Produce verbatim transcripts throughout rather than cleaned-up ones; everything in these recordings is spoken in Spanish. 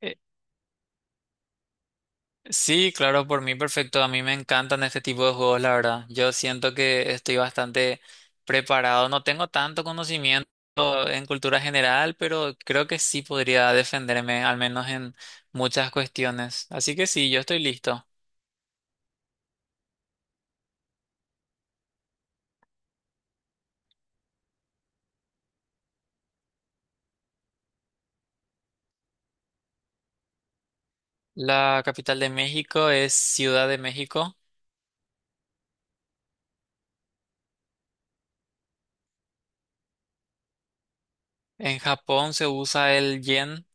Eh, Sí, claro, por mí perfecto. A mí me encantan este tipo de juegos, la verdad. Yo siento que estoy bastante preparado. No tengo tanto conocimiento en cultura general, pero creo que sí podría defenderme, al menos en muchas cuestiones. Así que sí, yo estoy listo. La capital de México es Ciudad de México. En Japón se usa el yen.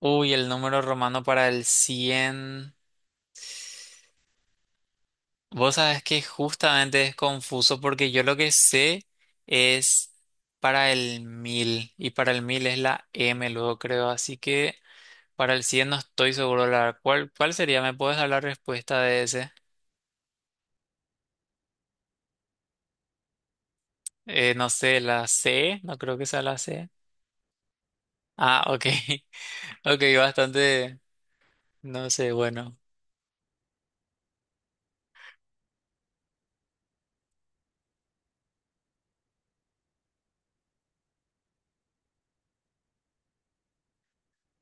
Uy, el número romano para el cien. Vos sabés que justamente es confuso porque yo lo que sé es para el mil, y para el mil es la M luego creo, así que para el cien no estoy seguro la cuál cuál sería. ¿Me puedes dar la respuesta de ese? Eh, no sé, la C. No creo que sea la C. Ah, ok. Ok, bastante no sé, bueno.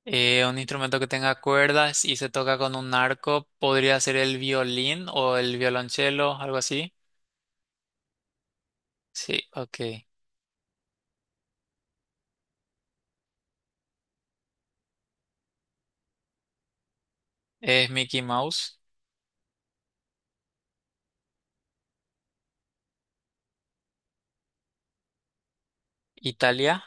Eh, un instrumento que tenga cuerdas y se toca con un arco podría ser el violín o el violonchelo, algo así. Sí, ok. Es Mickey Mouse. Italia.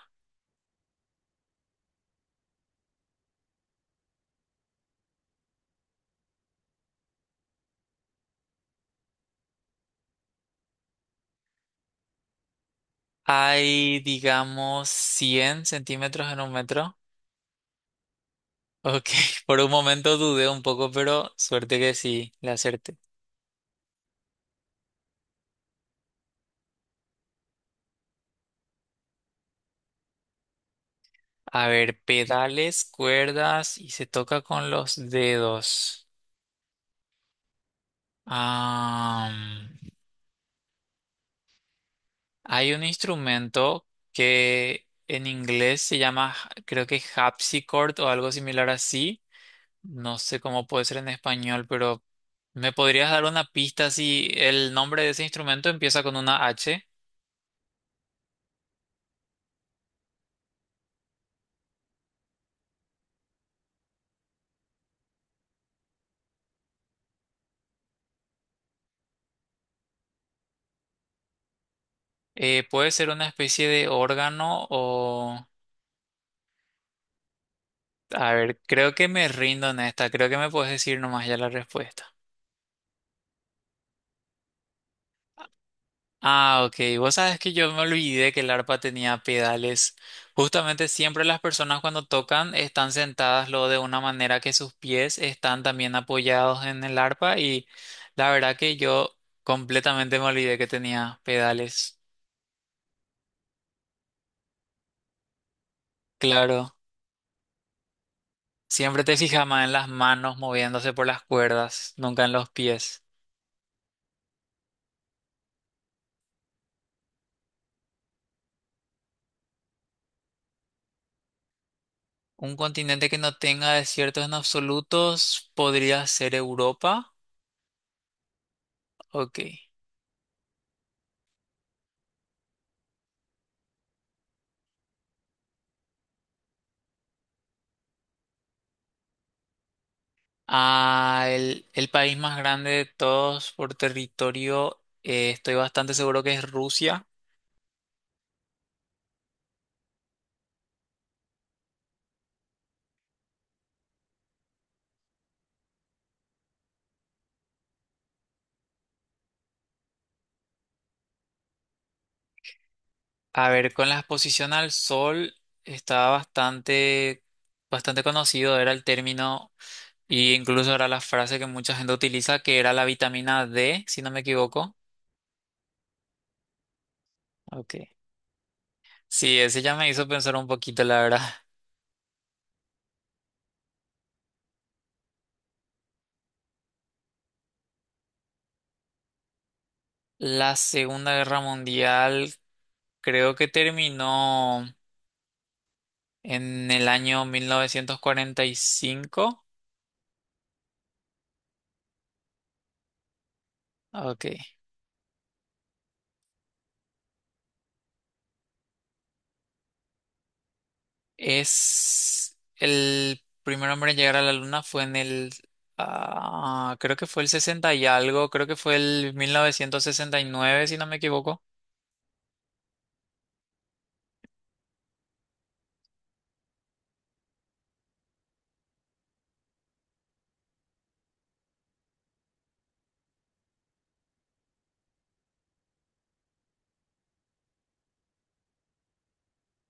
Hay, digamos, cien centímetros en un metro. Ok, por un momento dudé un poco, pero suerte que sí, le acerté. A ver, pedales, cuerdas y se toca con los dedos. Ah, hay un instrumento que en inglés se llama, creo, que harpsichord o algo similar así. No sé cómo puede ser en español, pero ¿me podrías dar una pista si el nombre de ese instrumento empieza con una H? Eh, ¿puede ser una especie de órgano o... A ver, creo que me rindo en esta, creo que me puedes decir nomás ya la respuesta. Ah, ok. Vos sabes que yo me olvidé que el arpa tenía pedales. Justamente siempre las personas cuando tocan están sentadas lo de una manera que sus pies están también apoyados en el arpa, y la verdad que yo completamente me olvidé que tenía pedales. Claro, siempre te fijas más en las manos moviéndose por las cuerdas, nunca en los pies. Un continente que no tenga desiertos en absolutos podría ser Europa. Ok. Ah, el, el país más grande de todos por territorio, eh, estoy bastante seguro que es Rusia. A ver, con la exposición al sol estaba bastante, bastante conocido, era el término, y incluso era la frase que mucha gente utiliza, que era la vitamina D, si no me equivoco. Ok. Sí, ese ya me hizo pensar un poquito, la verdad. La Segunda Guerra Mundial creo que terminó en el año mil novecientos cuarenta y cinco. Ok. Es el primer hombre en llegar a la luna fue en el, ah, creo que fue el sesenta y algo, creo que fue el mil novecientos sesenta y nueve, si no me equivoco.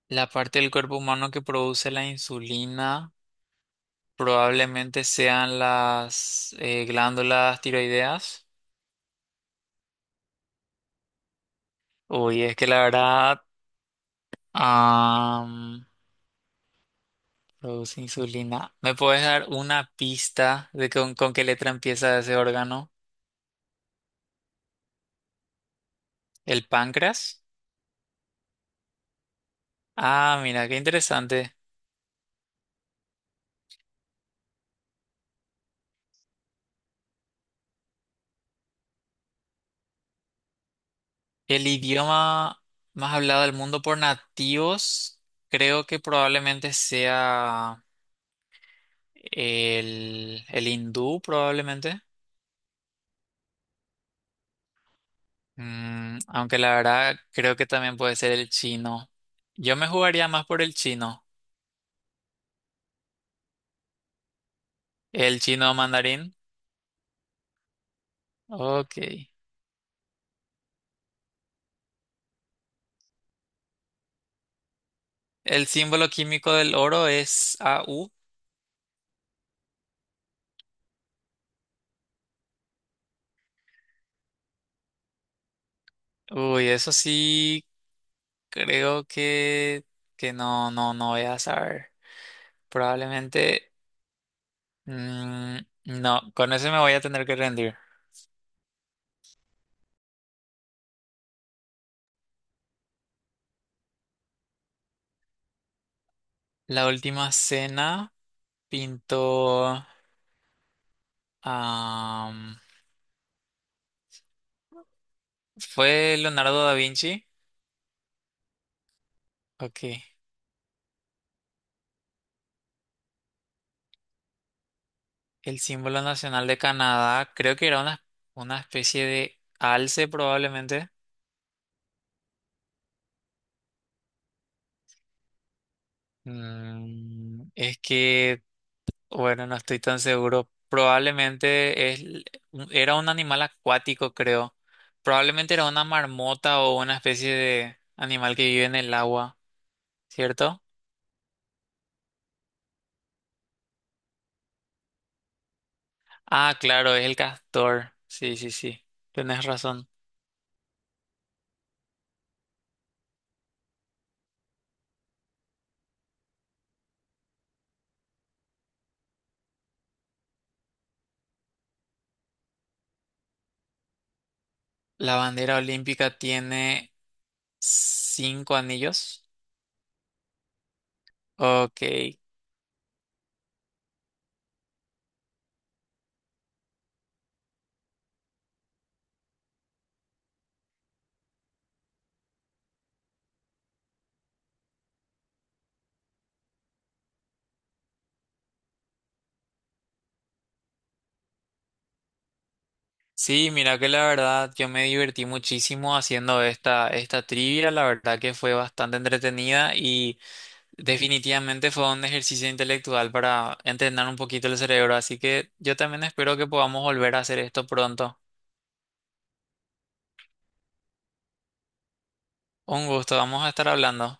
La parte del cuerpo humano que produce la insulina probablemente sean las eh, glándulas tiroideas. Uy, es que la verdad, am, produce insulina. ¿Me puedes dar una pista de con, con qué letra empieza ese órgano? ¿El páncreas? Ah, mira, qué interesante. El idioma más hablado del mundo por nativos, creo que probablemente sea el, el hindú, probablemente. Mm, aunque la verdad creo que también puede ser el chino. Yo me jugaría más por el chino. El chino mandarín. Ok. El símbolo químico del oro es A U. Uy, eso sí, creo que, que no, no, no voy a saber. Probablemente. Mm, no, con ese me voy a tener que rendir. La última cena pintó... am, fue Leonardo da Vinci. Ok. El símbolo nacional de Canadá. Creo que era una, una especie de alce probablemente. Mm, es que, bueno, no estoy tan seguro. Probablemente es, l- un- era un animal acuático, creo. Probablemente era una marmota o una especie de animal que vive en el agua, ¿cierto? Ah, claro, es el castor. Sí, sí, sí. Tienes razón. La bandera olímpica tiene cinco anillos. Ok. Sí, mira que la verdad yo me divertí muchísimo haciendo esta, esta trivia. La verdad que fue bastante entretenida y definitivamente fue un ejercicio intelectual para entrenar un poquito el cerebro. Así que yo también espero que podamos volver a hacer esto pronto. Un gusto, vamos a estar hablando.